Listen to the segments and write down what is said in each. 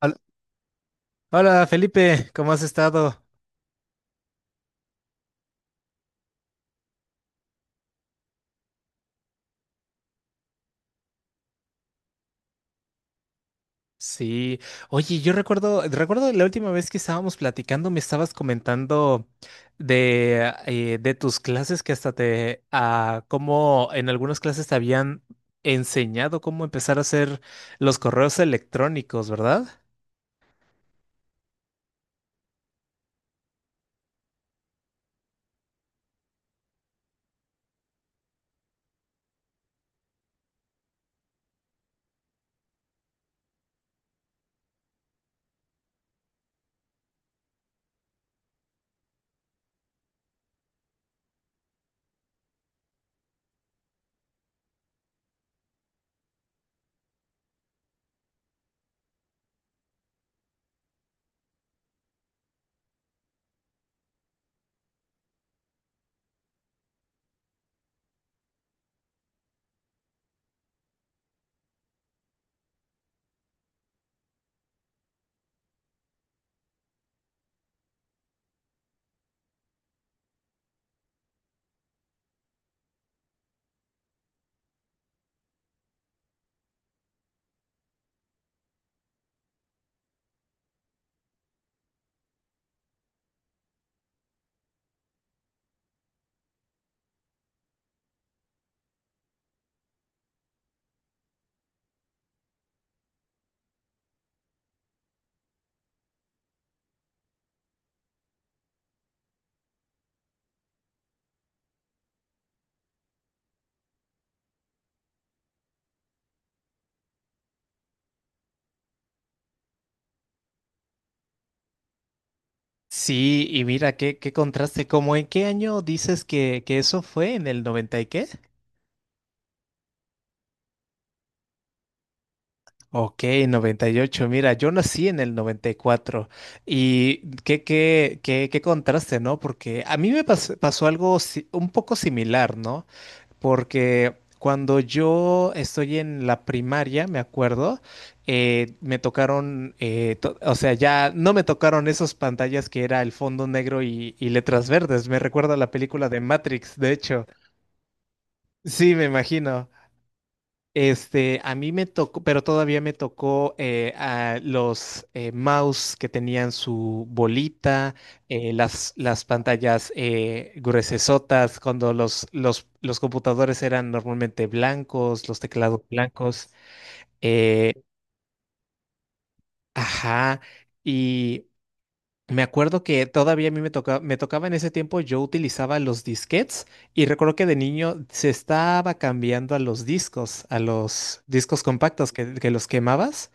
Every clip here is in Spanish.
Hol- Hola Felipe, ¿cómo has estado? Sí, oye, yo recuerdo, la última vez que estábamos platicando, me estabas comentando de tus clases que hasta te, cómo en algunas clases te habían enseñado cómo empezar a hacer los correos electrónicos, ¿verdad? Sí, y mira, qué contraste, ¿cómo en qué año dices que eso fue? ¿En el 90 y qué? Ok, 98. Mira, yo nací en el 94 y cuatro y qué contraste, ¿no? Porque a mí pasó algo un poco similar, ¿no? Porque cuando yo estoy en la primaria, me acuerdo, me tocaron, o sea, ya no me tocaron esas pantallas que era el fondo negro y letras verdes. Me recuerda a la película de Matrix, de hecho. Sí, me imagino. Este, a mí me tocó, pero todavía me tocó a los mouse que tenían su bolita, eh, las pantallas gruesesotas, cuando los computadores eran normalmente blancos, los teclados blancos. Eh, ajá. Y me acuerdo que todavía a mí me tocaba en ese tiempo, yo utilizaba los disquetes y recuerdo que de niño se estaba cambiando a los discos compactos que los quemabas.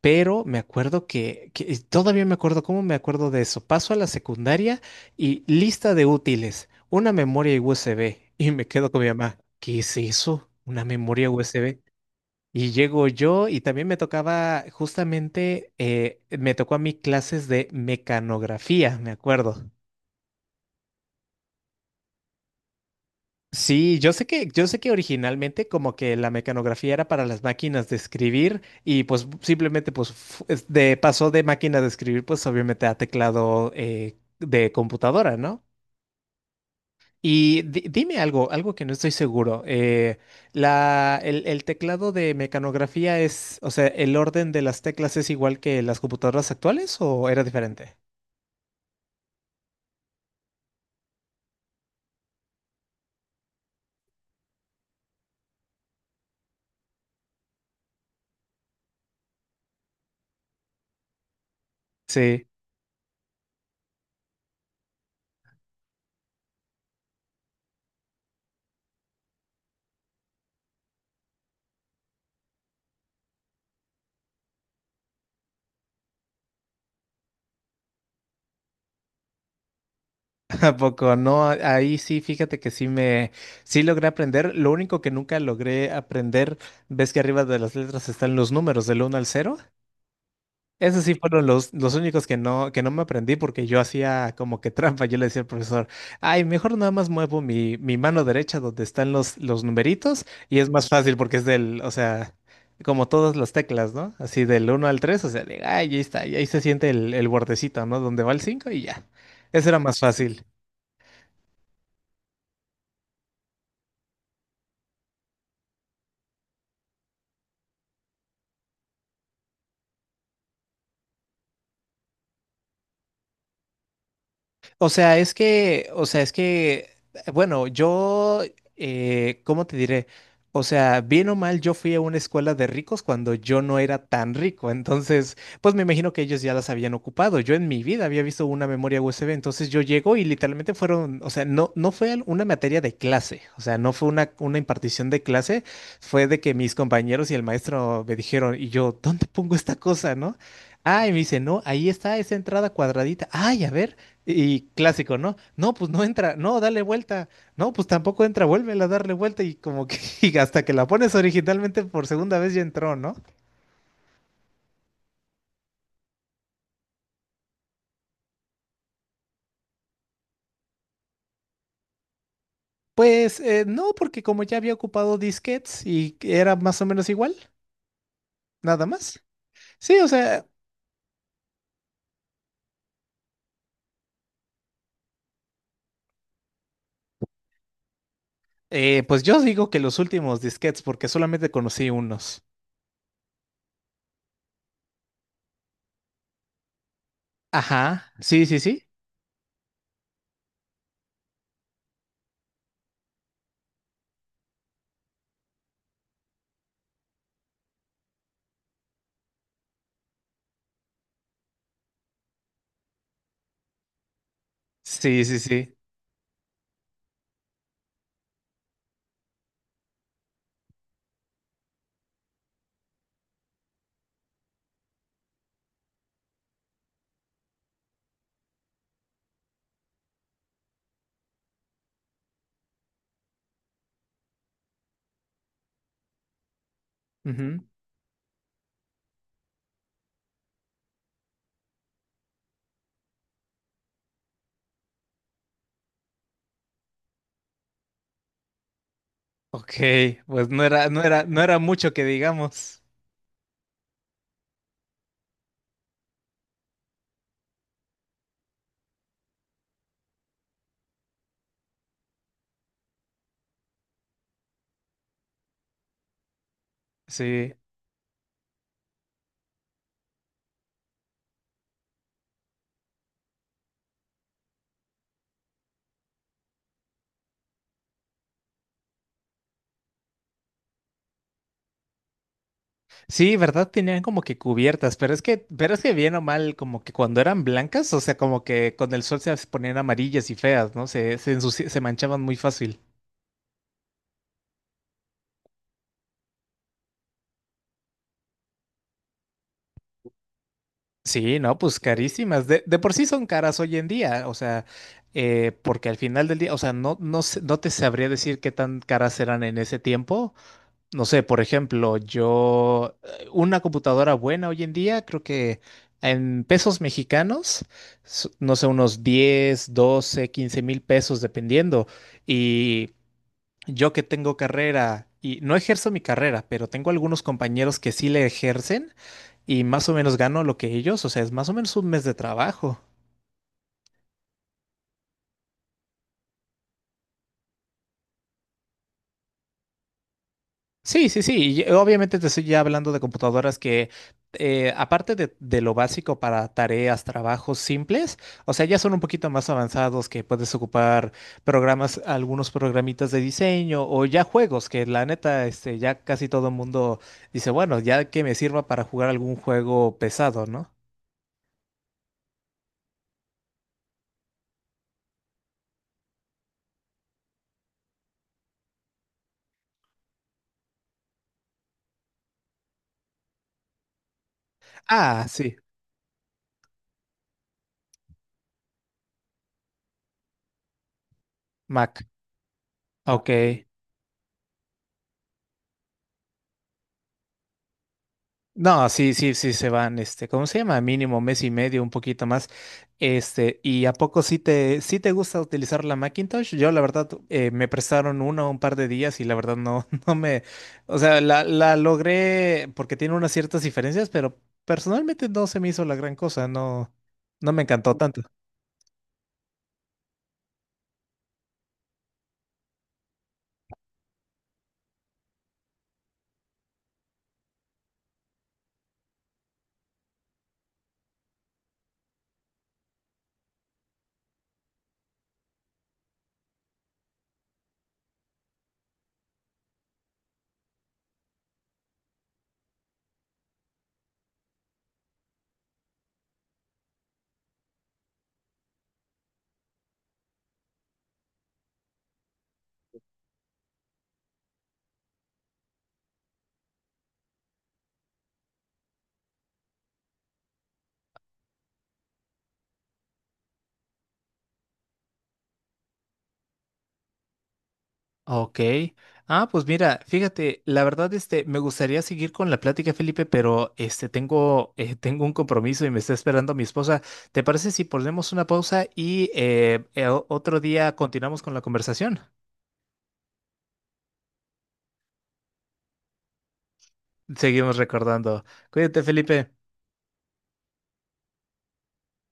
Pero me acuerdo y todavía me acuerdo cómo me acuerdo de eso. Paso a la secundaria y lista de útiles, una memoria USB. Y me quedo con mi mamá. ¿Qué es eso? Una memoria USB. Y llego yo y también me tocaba, justamente, me tocó a mí clases de mecanografía, me acuerdo. Sí, yo sé que originalmente como que la mecanografía era para las máquinas de escribir y pues simplemente pues pasó de máquina de escribir pues obviamente a teclado de computadora, ¿no? Y dime algo, algo que no estoy seguro. El el teclado de mecanografía es, o sea, ¿el orden de las teclas es igual que las computadoras actuales o era diferente? Sí. ¿A poco? No, ahí sí, fíjate que sí logré aprender. Lo único que nunca logré aprender, ves que arriba de las letras están los números del uno al cero. Esos sí fueron los únicos que no me aprendí porque yo hacía como que trampa. Yo le decía al profesor, ay, mejor nada más muevo mi mano derecha donde están los numeritos y es más fácil porque es del, o sea, como todas las teclas, ¿no? Así del uno al tres, o sea, de, ay, ahí está, y ahí se siente el bordecito, ¿no? Donde va el 5 y ya. Eso era más fácil. O sea, es que, o sea, es que, bueno, yo, ¿cómo te diré? O sea, bien o mal, yo fui a una escuela de ricos cuando yo no era tan rico. Entonces, pues me imagino que ellos ya las habían ocupado. Yo en mi vida había visto una memoria USB. Entonces yo llego y literalmente fueron, o sea, no fue una materia de clase. O sea, no fue una impartición de clase. Fue de que mis compañeros y el maestro me dijeron, y yo, ¿dónde pongo esta cosa, no? Ah, y me dice, no, ahí está esa entrada cuadradita. Ay, a ver. Y clásico, ¿no? No, pues no entra, no, dale vuelta, no, pues tampoco entra, vuélvela a darle vuelta y como que y hasta que la pones originalmente por segunda vez ya entró, ¿no? Pues no, porque como ya había ocupado disquetes y era más o menos igual, nada más. Sí, o sea, pues yo digo que los últimos disquetes porque solamente conocí unos. Ajá, sí, sí, sí, sí, sí, sí. Ujú. Ok, pues no era mucho que digamos. Sí. Sí, ¿verdad? Tenían como que cubiertas, pero es que bien o mal, como que cuando eran blancas, o sea, como que con el sol se ponían amarillas y feas, ¿no? Se manchaban muy fácil. Sí, no, pues carísimas. De por sí son caras hoy en día, o sea, porque al final del día, o sea, no te sabría decir qué tan caras eran en ese tiempo. No sé, por ejemplo, yo, una computadora buena hoy en día, creo que en pesos mexicanos, no sé, unos 10, 12, 15,000 pesos dependiendo. Y yo que tengo carrera y no ejerzo mi carrera, pero tengo algunos compañeros que sí le ejercen y más o menos gano lo que ellos, o sea, es más o menos un mes de trabajo. Sí, sí, sí. Y obviamente te estoy ya hablando de computadoras que, aparte de lo básico para tareas, trabajos simples, o sea, ya son un poquito más avanzados que puedes ocupar programas, algunos programitas de diseño o ya juegos que la neta, este, ya casi todo el mundo dice, bueno, ya que me sirva para jugar algún juego pesado, ¿no? Ah, sí, Mac. Ok. No, sí, sí, sí se van, este, ¿cómo se llama? Mínimo mes y medio, un poquito más. Este, ¿y a poco sí sí te gusta utilizar la Macintosh? Yo, la verdad, me prestaron una o un par de días y la verdad no, no me, o sea, la logré porque tiene unas ciertas diferencias, pero personalmente no se me hizo la gran cosa, no me encantó tanto. Ok. Ah, pues mira, fíjate, la verdad, este, me gustaría seguir con la plática, Felipe, pero este, tengo, tengo un compromiso y me está esperando mi esposa. ¿Te parece si ponemos una pausa y otro día continuamos con la conversación? Seguimos recordando. Cuídate, Felipe.